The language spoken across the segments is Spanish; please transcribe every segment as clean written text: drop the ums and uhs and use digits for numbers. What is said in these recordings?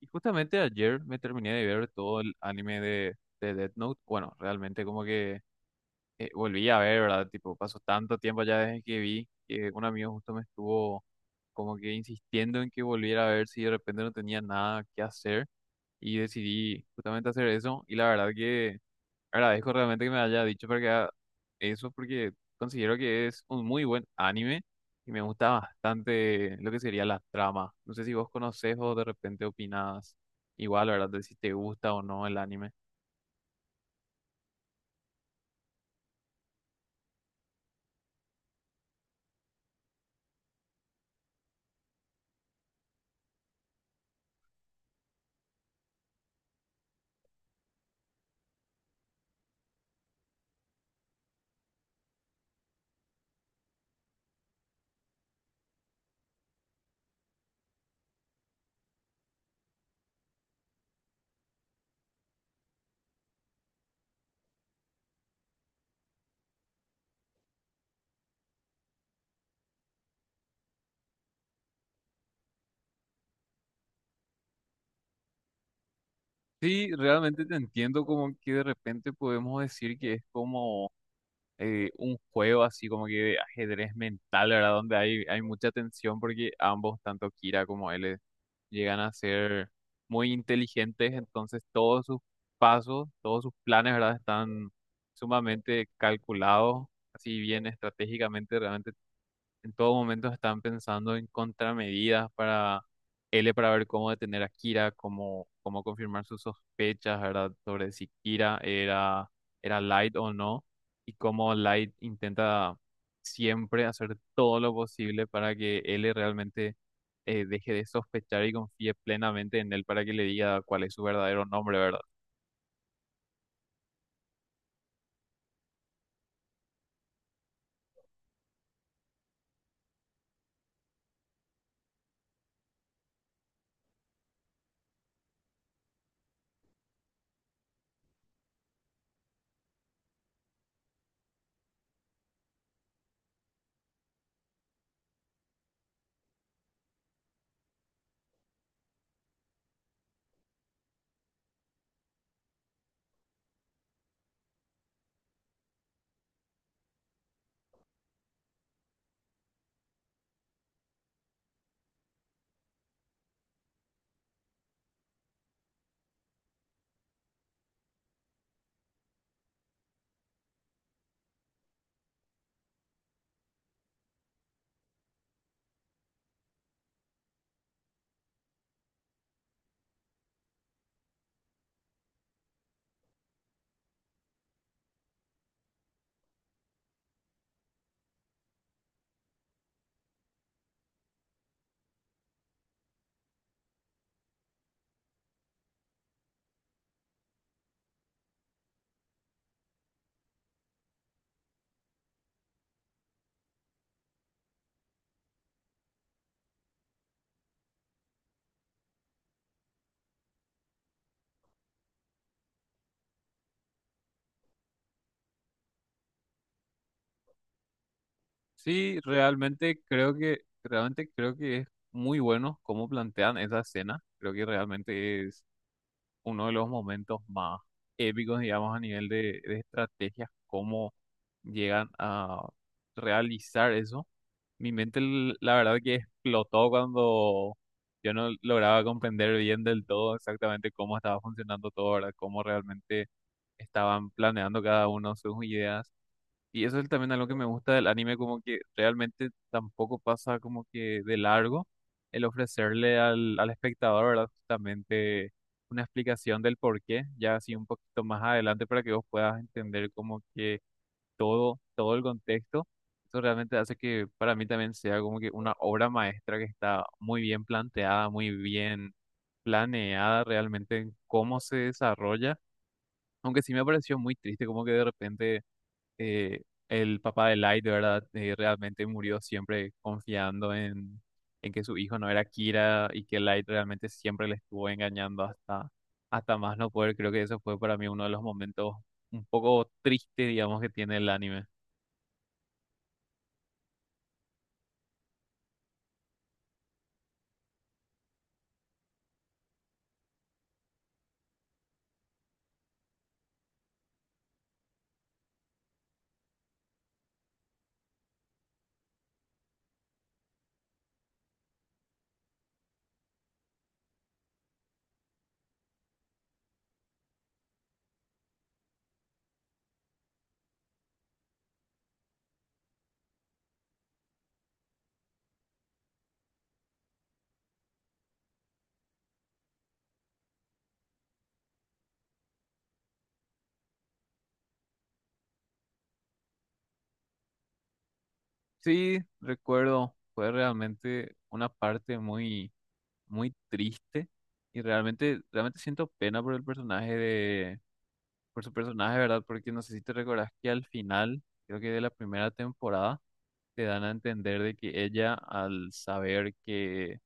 Y justamente ayer me terminé de ver todo el anime de Death Note. Bueno, realmente como que volví a ver, ¿verdad? Tipo, pasó tanto tiempo ya desde que vi que un amigo justo me estuvo como que insistiendo en que volviera a ver si de repente no tenía nada que hacer y decidí justamente hacer eso. Y la verdad que agradezco realmente que me haya dicho para que haga eso porque considero que es un muy buen anime y me gusta bastante lo que sería la trama. No sé si vos conocés o de repente opinas igual, ¿verdad? De si te gusta o no el anime. Sí, realmente te entiendo como que de repente podemos decir que es como un juego así como que de ajedrez mental, ¿verdad? Donde hay mucha tensión porque ambos, tanto Kira como él, llegan a ser muy inteligentes, entonces todos sus pasos, todos sus planes, ¿verdad? Están sumamente calculados, así bien estratégicamente, realmente en todo momento están pensando en contramedidas para L para ver cómo detener a Kira, cómo confirmar sus sospechas, ¿verdad? Sobre si Kira era Light o no, y cómo Light intenta siempre hacer todo lo posible para que L realmente deje de sospechar y confíe plenamente en él para que le diga cuál es su verdadero nombre, ¿verdad? Sí, realmente creo que es muy bueno cómo plantean esa escena. Creo que realmente es uno de los momentos más épicos, digamos, a nivel de estrategias, cómo llegan a realizar eso. Mi mente, la verdad que explotó cuando yo no lograba comprender bien del todo exactamente cómo estaba funcionando todo, ¿verdad? Cómo realmente estaban planeando cada uno sus ideas. Y eso es también algo que me gusta del anime, como que realmente tampoco pasa como que de largo el ofrecerle al espectador, ¿verdad? Justamente una explicación del por qué, ya así un poquito más adelante para que vos puedas entender como que todo el contexto. Eso realmente hace que para mí también sea como que una obra maestra que está muy bien planteada, muy bien planeada realmente en cómo se desarrolla. Aunque sí me pareció muy triste como que de repente eh, el papá de Light, de verdad, realmente murió siempre confiando en que su hijo no era Kira y que Light realmente siempre le estuvo engañando hasta más no poder. Creo que eso fue para mí uno de los momentos un poco tristes, digamos, que tiene el anime. Sí, recuerdo, fue realmente una parte muy triste y realmente siento pena por el personaje de, por su personaje, ¿verdad? Porque no sé si te recordás que al final, creo que de la primera temporada, te dan a entender de que ella, al saber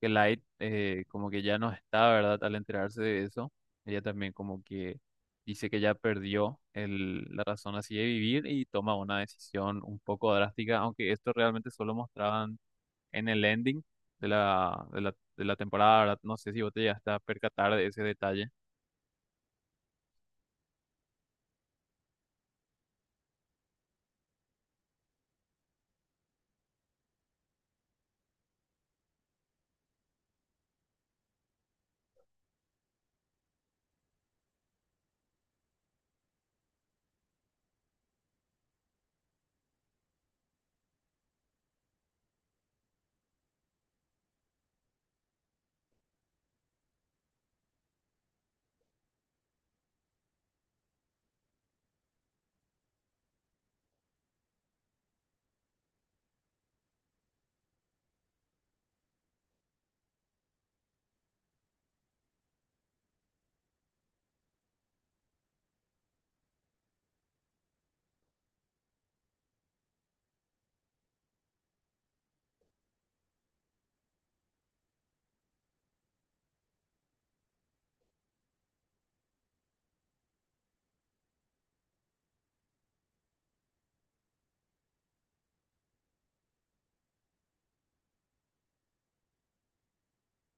que Light como que ya no está, ¿verdad? Al enterarse de eso, ella también como que dice que ya perdió la razón así de vivir y toma una decisión un poco drástica, aunque esto realmente solo mostraban en el ending de la temporada, ¿verdad? No sé si vos te llegaste a percatar de ese detalle.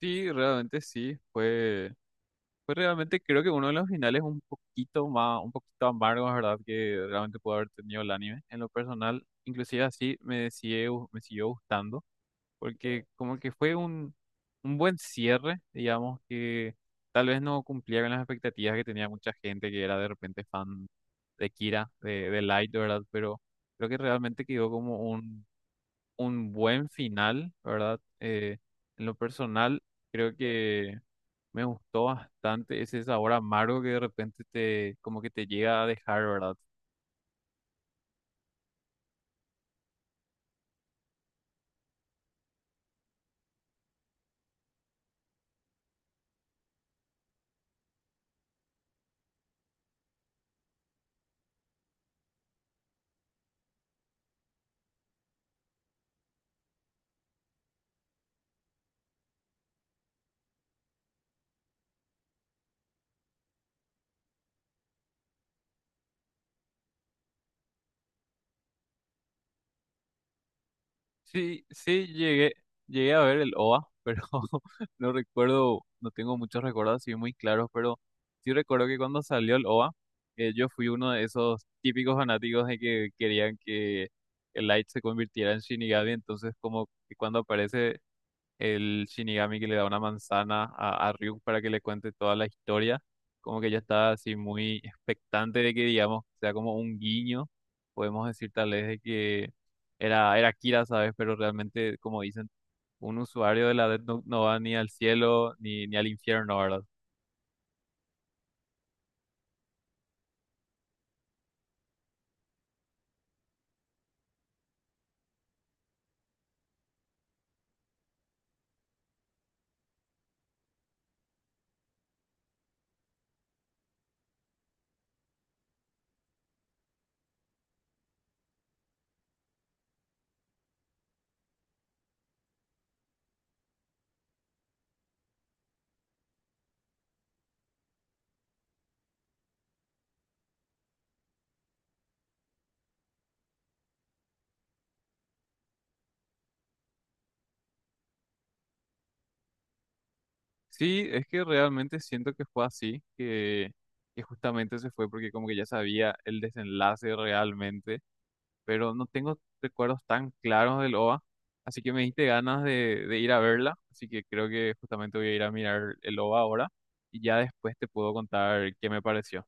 Sí, realmente sí, fue... Pues realmente creo que uno de los finales un poquito más, un poquito amargos, ¿verdad? Que realmente pudo haber tenido el anime. En lo personal, inclusive así me siguió gustando, porque como que fue un buen cierre, digamos, que tal vez no cumplía con las expectativas que tenía mucha gente que era de repente fan de Kira, de Light, ¿verdad? Pero creo que realmente quedó como un buen final, ¿verdad? En lo personal, creo que... Me gustó bastante ese sabor amargo que de repente te, como que te llega a dejar, ¿verdad? Sí, sí, llegué a ver el OVA, pero no recuerdo, no tengo muchos recuerdos así muy claros, pero sí recuerdo que cuando salió el OVA, yo fui uno de esos típicos fanáticos de que querían que el Light se convirtiera en Shinigami, entonces como que cuando aparece el Shinigami que le da una manzana a Ryuk para que le cuente toda la historia, como que ya está así muy expectante de que, digamos, sea como un guiño, podemos decir tal vez de que era Kira, ¿sabes? Pero realmente, como dicen, un usuario de la Death Note no va ni al cielo ni al infierno, ¿verdad? Sí, es que realmente siento que fue así, que justamente se fue porque como que ya sabía el desenlace realmente pero no tengo recuerdos tan claros del OVA, así que me diste ganas de ir a verla, así que creo que justamente voy a ir a mirar el OVA ahora y ya después te puedo contar qué me pareció.